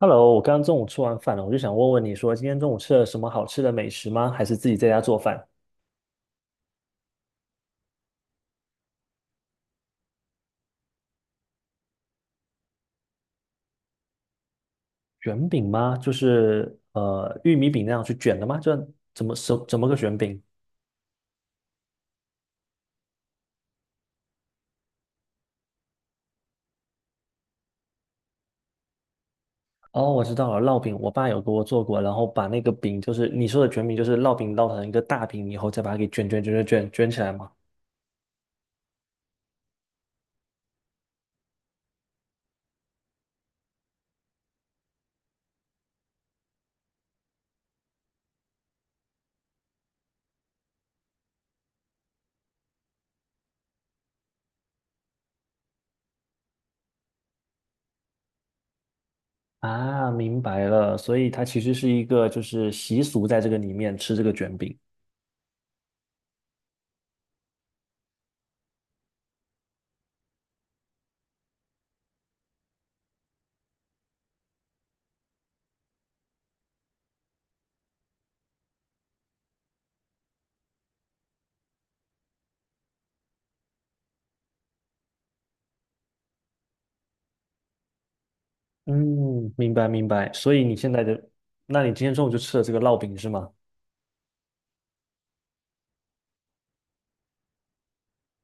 Hello，我刚刚中午吃完饭了，我就想问问你说，今天中午吃了什么好吃的美食吗？还是自己在家做饭？卷饼吗？就是玉米饼那样去卷的吗？就怎么个卷饼？哦，我知道了，烙饼，我爸有给我做过，然后把那个饼，就是你说的卷饼，就是烙饼烙成一个大饼以后，再把它给卷起来嘛。啊，明白了，所以它其实是一个就是习俗，在这个里面吃这个卷饼。嗯，明白明白。所以你现在的，那你今天中午就吃了这个烙饼是吗？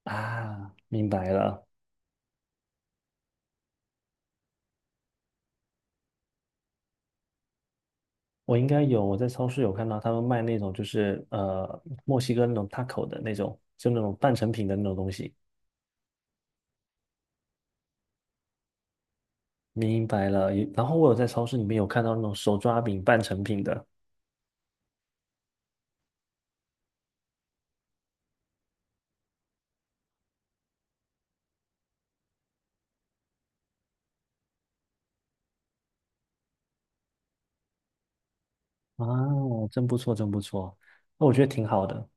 啊，明白了。我应该有，我在超市有看到他们卖那种，就是，墨西哥那种 taco 的那种，就那种半成品的那种东西。明白了。也然后我有在超市里面有看到那种手抓饼半成品的。啊，真不错，真不错。那我觉得挺好的。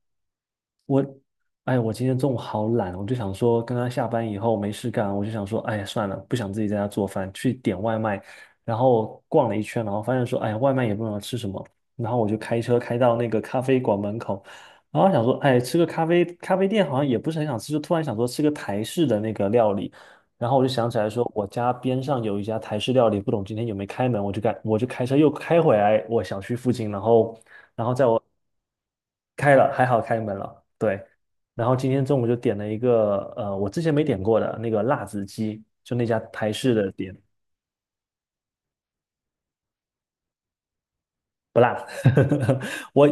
哎，我今天中午好懒，我就想说，刚刚下班以后没事干，我就想说，哎呀，算了，不想自己在家做饭，去点外卖。然后逛了一圈，然后发现说，哎呀，外卖也不知道吃什么。然后我就开车开到那个咖啡馆门口，然后想说，哎，吃个咖啡，咖啡店好像也不是很想吃，就突然想说吃个台式的那个料理。然后我就想起来说，我家边上有一家台式料理，不懂今天有没开门，我就开车又开回来我小区附近，然后然后在我开了，还好开门了，对。然后今天中午就点了一个，我之前没点过的那个辣子鸡，就那家台式的店，不辣，我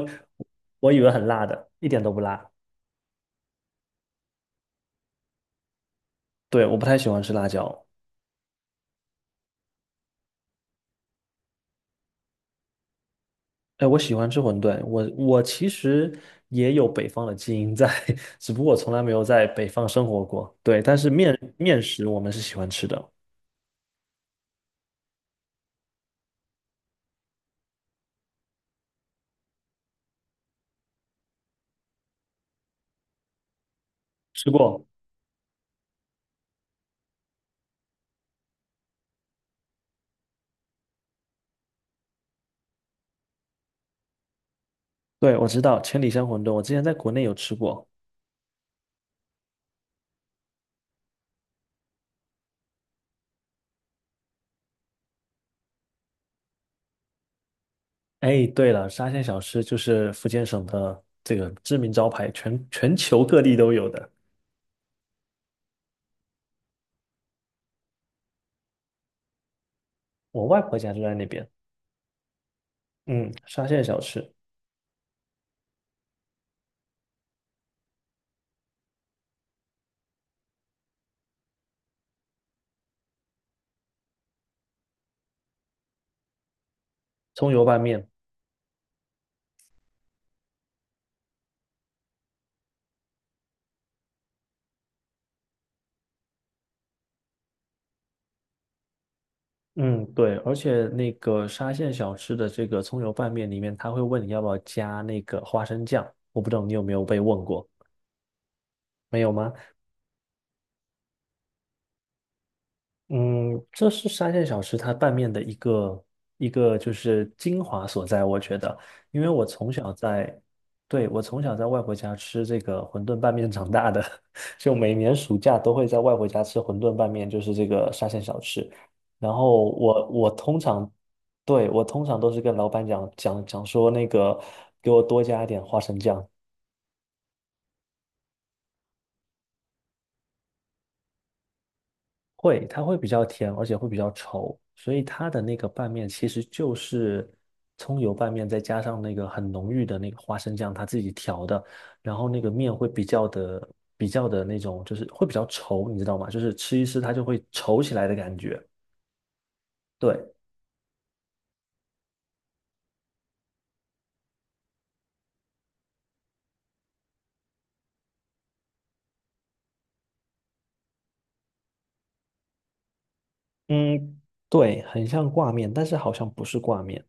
我以为很辣的，一点都不辣。对，我不太喜欢吃辣椒，哎，我喜欢吃馄饨，我其实也有北方的基因在，只不过我从来没有在北方生活过。对，但是面食我们是喜欢吃的，吃过，对，我知道千里香馄饨，我之前在国内有吃过。哎，对了，沙县小吃就是福建省的这个知名招牌，全球各地都有的。我外婆家就在那边。嗯，沙县小吃，葱油拌面。嗯，对，而且那个沙县小吃的这个葱油拌面里面，他会问你要不要加那个花生酱。我不知道你有没有被问过，没有吗？嗯，这是沙县小吃它拌面的一个就是精华所在，我觉得，因为我从小在，对，我从小在外婆家吃这个馄饨拌面长大的，就每年暑假都会在外婆家吃馄饨拌面，就是这个沙县小吃。然后我通常，对，我通常都是跟老板讲说那个给我多加一点花生酱，会，它会比较甜，而且会比较稠，所以它的那个拌面其实就是葱油拌面，再加上那个很浓郁的那个花生酱，它自己调的，然后那个面会比较的那种，就是会比较稠，你知道吗？就是吃一吃它就会稠起来的感觉。对，嗯，对，很像挂面，但是好像不是挂面。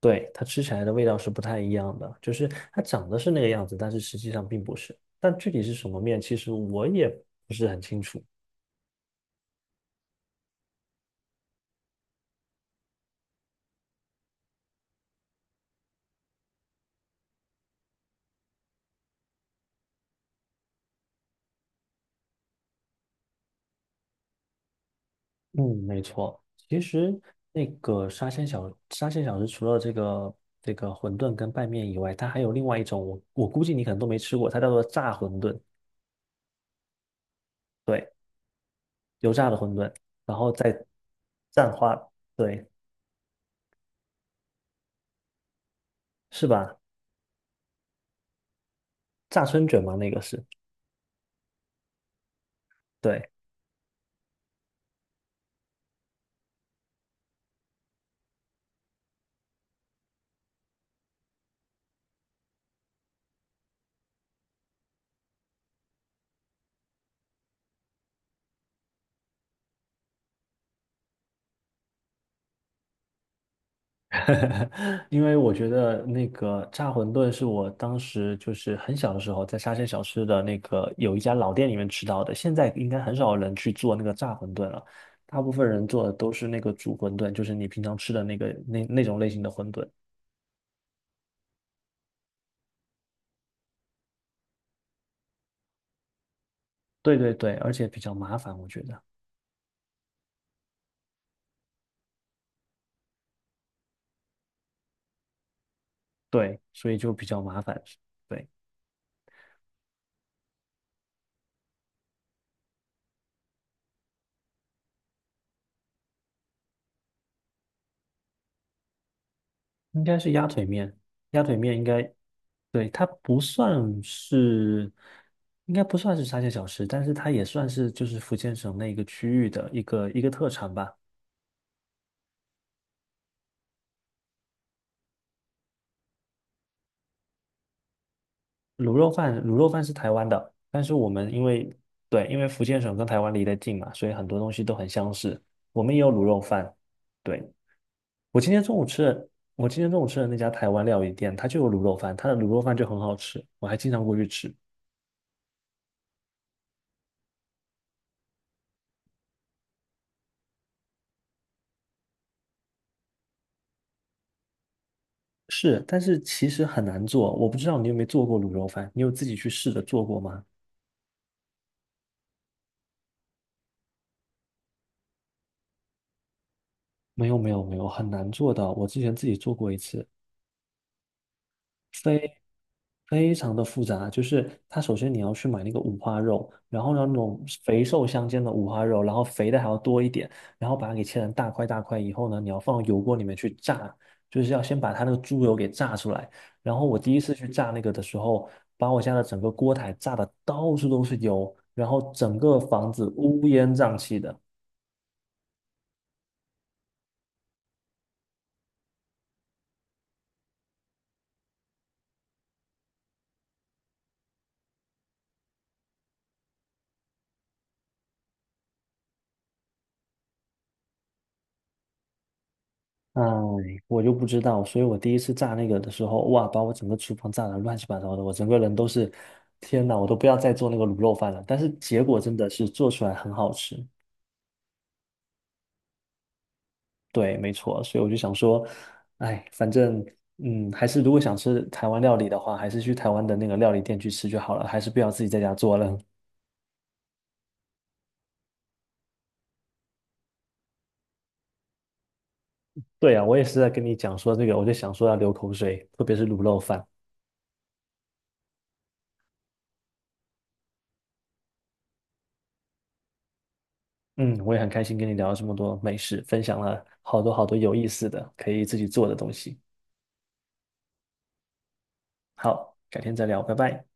对，它吃起来的味道是不太一样的，就是它长得是那个样子，但是实际上并不是。但具体是什么面，其实我也不是很清楚。嗯，没错。其实那个沙县小吃，除了这个馄饨跟拌面以外，它还有另外一种，我估计你可能都没吃过，它叫做炸馄饨，对，油炸的馄饨，然后再蘸花，对，是吧？炸春卷嘛，那个是，对。因为我觉得那个炸馄饨是我当时就是很小的时候在沙县小吃的那个有一家老店里面吃到的，现在应该很少人去做那个炸馄饨了，大部分人做的都是那个煮馄饨，就是你平常吃的那个那种类型的馄饨。对对对，而且比较麻烦，我觉得。对，所以就比较麻烦。对。应该是鸭腿面，鸭腿面应该，对，它不算是，应该不算是沙县小吃，但是它也算是就是福建省那个区域的一个特产吧。卤肉饭，卤肉饭是台湾的，但是我们因为对，因为福建省跟台湾离得近嘛，所以很多东西都很相似。我们也有卤肉饭，对，我今天中午吃的，我今天中午吃的那家台湾料理店，它就有卤肉饭，它的卤肉饭就很好吃，我还经常过去吃。是，但是其实很难做。我不知道你有没有做过卤肉饭，你有自己去试着做过吗？没有，没有，没有，很难做的。我之前自己做过一次，非常的复杂。就是它首先你要去买那个五花肉，然后呢那种肥瘦相间的五花肉，然后肥的还要多一点，然后把它给切成大块大块以后呢，你要放油锅里面去炸，就是要先把它那个猪油给炸出来。然后我第一次去炸那个的时候，把我家的整个锅台炸的到处都是油，然后整个房子乌烟瘴气的。哎，我就不知道，所以我第一次炸那个的时候，哇，把我整个厨房炸得乱七八糟的，我整个人都是，天哪，我都不要再做那个卤肉饭了。但是结果真的是做出来很好吃，对，没错，所以我就想说，哎，反正，嗯，还是如果想吃台湾料理的话，还是去台湾的那个料理店去吃就好了，还是不要自己在家做了。对呀，我也是在跟你讲说这个，我就想说要流口水，特别是卤肉饭。嗯，我也很开心跟你聊了这么多美食，分享了好多好多有意思的，可以自己做的东西。好，改天再聊，拜拜。